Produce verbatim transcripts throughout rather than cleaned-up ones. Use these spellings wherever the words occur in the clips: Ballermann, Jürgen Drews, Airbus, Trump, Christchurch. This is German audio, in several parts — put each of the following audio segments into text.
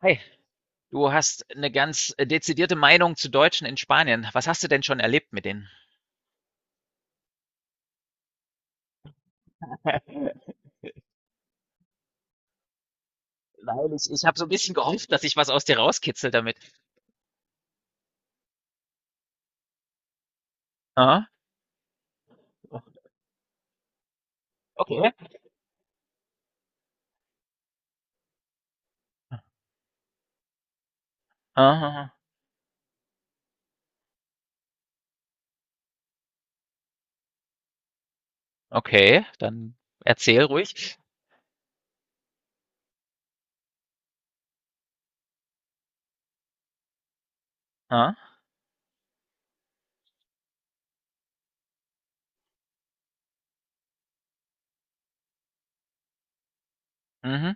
Hi, du hast eine ganz äh, dezidierte Meinung zu Deutschen in Spanien. Was hast du denn schon erlebt mit denen? Nein, ich ich habe so ein bisschen gehofft, dass ich was aus dir rauskitzel damit. Aha. Okay. Aha. Okay, dann erzähl ruhig. Aha. Mhm.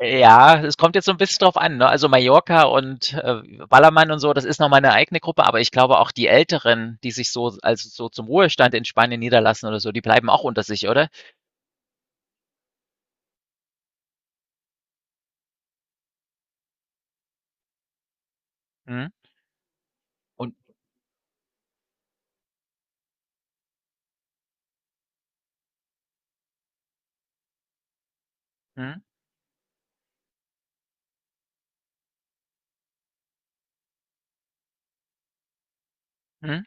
Ja, es kommt jetzt so ein bisschen drauf an, ne? Also, Mallorca und, äh, Ballermann und so, das ist noch meine eigene Gruppe, aber ich glaube auch die Älteren, die sich so also, so zum Ruhestand in Spanien niederlassen oder so, die bleiben auch unter sich, oder? Mhm. Und mhm, mhm,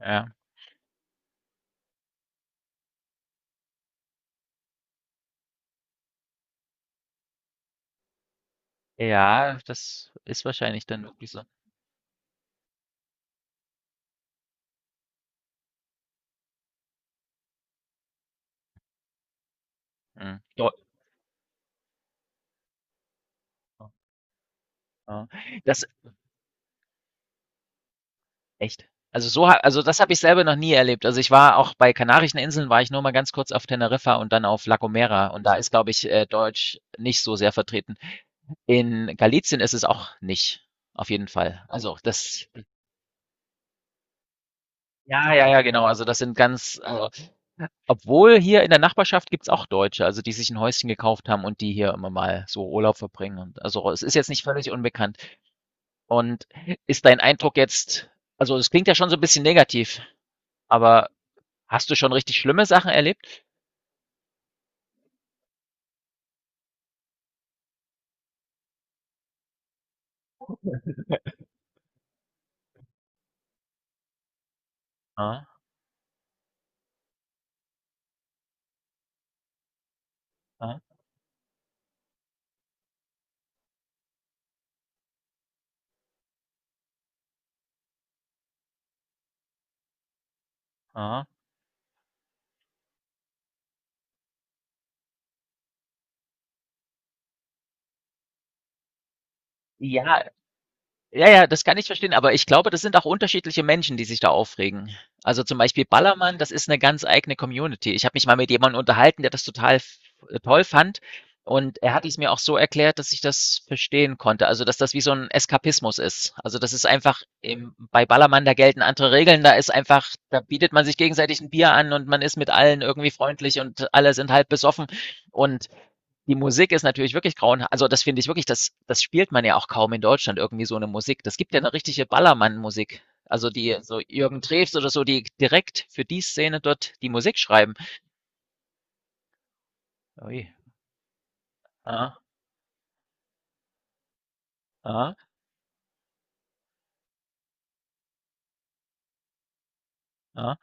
ja. Ja, das ist wahrscheinlich dann wirklich so. Mhm. Deu ja. Das echt? Also, so ha also, das habe ich selber noch nie erlebt. Also, ich war auch bei Kanarischen Inseln war ich nur mal ganz kurz auf Teneriffa und dann auf La Gomera und da ist, glaube ich, äh, Deutsch nicht so sehr vertreten. In Galizien ist es auch nicht, auf jeden Fall. Also, das ja, ja, ja, genau. Also, das sind ganz also, obwohl hier in der Nachbarschaft gibt's auch Deutsche, also, die sich ein Häuschen gekauft haben und die hier immer mal so Urlaub verbringen und also, es ist jetzt nicht völlig unbekannt. Und ist dein Eindruck jetzt also, es klingt ja schon so ein bisschen negativ, aber hast du schon richtig schlimme Sachen erlebt? Mhm, mhm, mhm. Ja, ja, ja, das kann ich verstehen, aber ich glaube, das sind auch unterschiedliche Menschen, die sich da aufregen. Also zum Beispiel Ballermann, das ist eine ganz eigene Community. Ich habe mich mal mit jemandem unterhalten, der das total f äh, toll fand und er hat es mir auch so erklärt, dass ich das verstehen konnte, also dass das wie so ein Eskapismus ist. Also, das ist einfach im bei Ballermann, da gelten andere Regeln, da ist einfach da bietet man sich gegenseitig ein Bier an und man ist mit allen irgendwie freundlich und alle sind halb besoffen und die Musik ist natürlich wirklich grauenha also, das finde ich wirklich, das das spielt man ja auch kaum in Deutschland irgendwie so eine Musik. Das gibt ja eine richtige Ballermann-Musik. Also, die so Jürgen Drews oder so, die direkt für die Szene dort die Musik schreiben. Ui. Aha, aha, aha,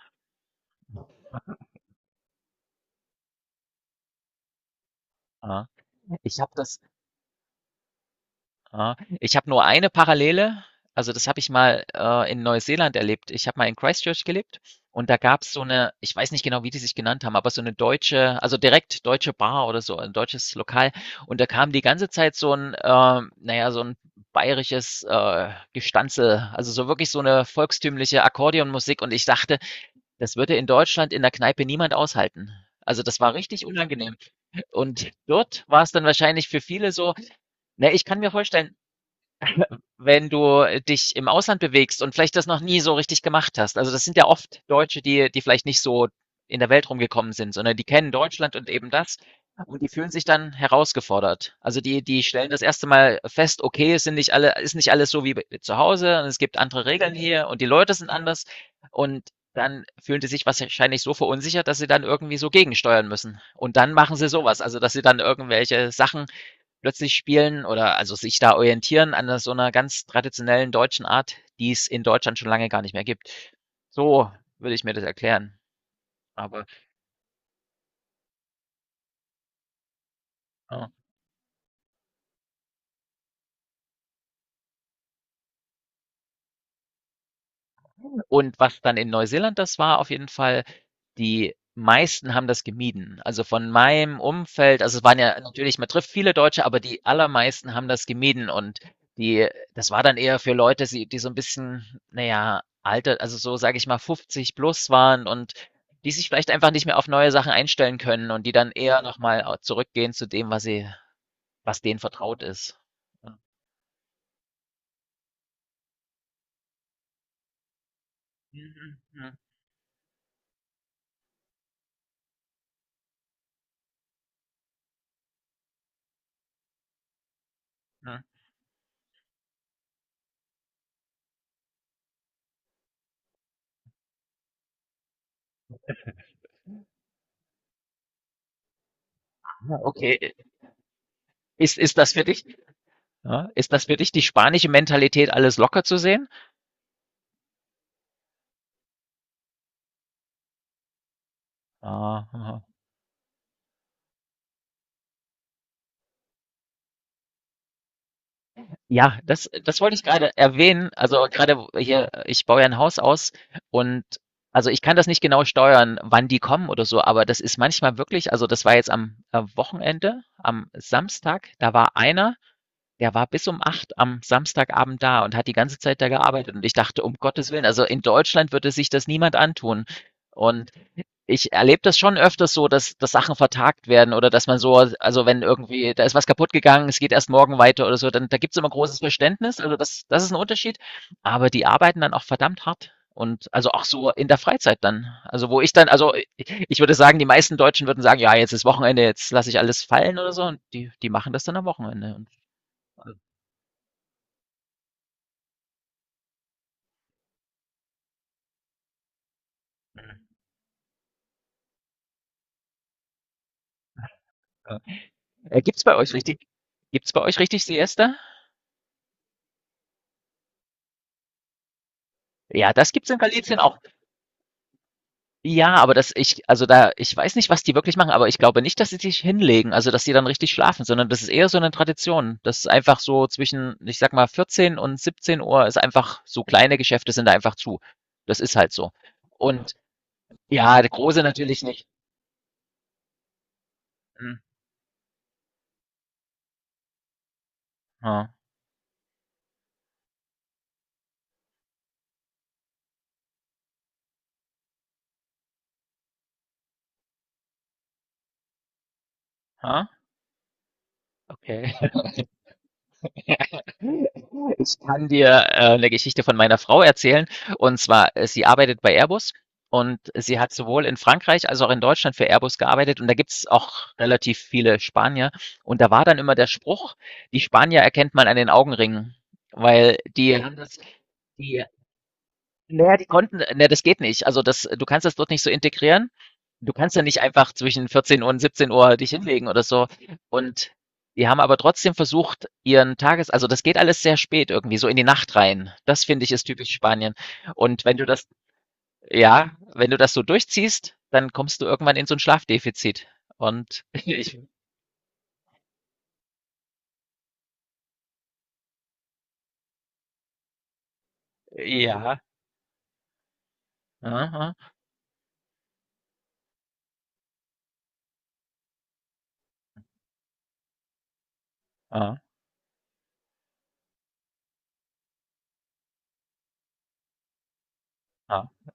aha. Ich habe das Ah, ich habe nur eine Parallele. Also, das habe ich mal, äh, in Neuseeland erlebt. Ich habe mal in Christchurch gelebt und da gab es so eine, ich weiß nicht genau, wie die sich genannt haben, aber so eine deutsche also, direkt deutsche Bar oder so, ein deutsches Lokal. Und da kam die ganze Zeit so ein, ähm na ja, so ein bayerisches, äh, Gestanzel, also, so wirklich so eine volkstümliche Akkordeonmusik und ich dachte, das würde in Deutschland in der Kneipe niemand aushalten. Also, das war richtig unangenehm. Und dort war es dann wahrscheinlich für viele so ne, ich kann mir vorstellen wenn du äh, dich im Ausland bewegst und vielleicht das noch nie so richtig gemacht hast. Also das sind ja oft Deutsche, die, die vielleicht nicht so in der Welt rumgekommen sind, sondern die kennen Deutschland und eben das und die fühlen sich dann herausgefordert. Also die, die stellen das erste Mal fest, okay, es sind nicht alle, ist nicht alles so wie bei- zu Hause und es gibt andere Regeln hier und die Leute sind anders und dann fühlen die sich wahrscheinlich so verunsichert, dass sie dann irgendwie so gegensteuern müssen. Und dann machen sie sowas, also dass sie dann irgendwelche Sachen plötzlich spielen oder also sich da orientieren an so einer ganz traditionellen deutschen Art, die es in Deutschland schon lange gar nicht mehr gibt. So würde ich mir das erklären, aber ja. Und was dann in Neuseeland das war, auf jeden Fall, die meisten haben das gemieden. Also von meinem Umfeld, also es waren ja natürlich, man trifft viele Deutsche, aber die allermeisten haben das gemieden und die, das war dann eher für Leute, die, die so ein bisschen, naja, alter, also so sage ich mal fünfzig plus waren und die sich vielleicht einfach nicht mehr auf neue Sachen einstellen können und die dann eher nochmal zurückgehen zu dem, was sie, was denen vertraut ist. Ja. Mhm, mhm, mhm. Ah, okay, ist, ist das für dich Ja, ist das für dich die spanische Mentalität, alles locker zu sehen? Aha. Ja, das, das wollte ich gerade erwähnen. Also gerade hier, ich baue ja ein Haus aus und also ich kann das nicht genau steuern, wann die kommen oder so, aber das ist manchmal wirklich, also das war jetzt am äh, Wochenende, am Samstag, da war einer, der war bis um acht am Samstagabend da und hat die ganze Zeit da gearbeitet. Und ich dachte, um Gottes Willen, also in Deutschland würde sich das niemand antun. Und ich erlebe das schon öfters so, dass, dass Sachen vertagt werden oder dass man so, also wenn irgendwie, da ist was kaputt gegangen, es geht erst morgen weiter oder so, dann da gibt's immer großes Verständnis. Also das, das ist ein Unterschied. Aber die arbeiten dann auch verdammt hart. Und also auch so in der Freizeit dann. Also wo ich dann, also ich würde sagen, die meisten Deutschen würden sagen, ja, jetzt ist Wochenende, jetzt lasse ich alles fallen oder so. Und die, die machen das dann am Wochenende. Und, äh, äh, äh, gibt's bei euch richtig, gibt's bei euch richtig Siesta? Ja, das gibt's in Galicien auch. Ja, aber das ich also da ich weiß nicht, was die wirklich machen, aber ich glaube nicht, dass sie sich hinlegen, also dass sie dann richtig schlafen, sondern das ist eher so 'ne Tradition. Das ist einfach so zwischen, ich sage mal, vierzehn und siebzehn Uhr ist einfach so kleine Geschäfte sind da einfach zu. Das ist halt so. Und ja, der große natürlich nicht. Mhm. Ja. Aha, okay. Ich kann dir, äh, 'ne Geschichte von meiner Frau erzählen. Und zwar, äh, sie arbeitet bei Airbus und sie hat sowohl in Frankreich als auch in Deutschland für Airbus gearbeitet und da gibt's auch relativ viele Spanier. Und da war dann immer der Spruch: „Die Spanier erkennt man an den Augenringen“, weil die haben das die na ja, die konnten ne, das geht nicht. Also, das du kannst das dort nicht so integrieren. Du kannst ja nicht einfach zwischen vierzehn Uhr und siebzehn Uhr dich hinlegen oder so. Und die haben aber trotzdem versucht, ihren Tages also, das geht alles sehr spät irgendwie, so in die Nacht rein. Das finde ich ist typisch Spanien. Und wenn du das ja, wenn du das so durchziehst, dann kommst du irgendwann in so ein Schlafdefizit. Und ich ja. Mhm. Mhm. Mhm.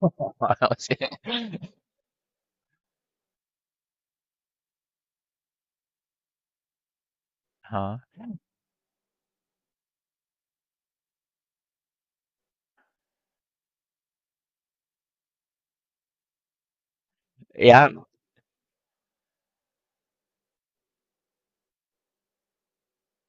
Ja.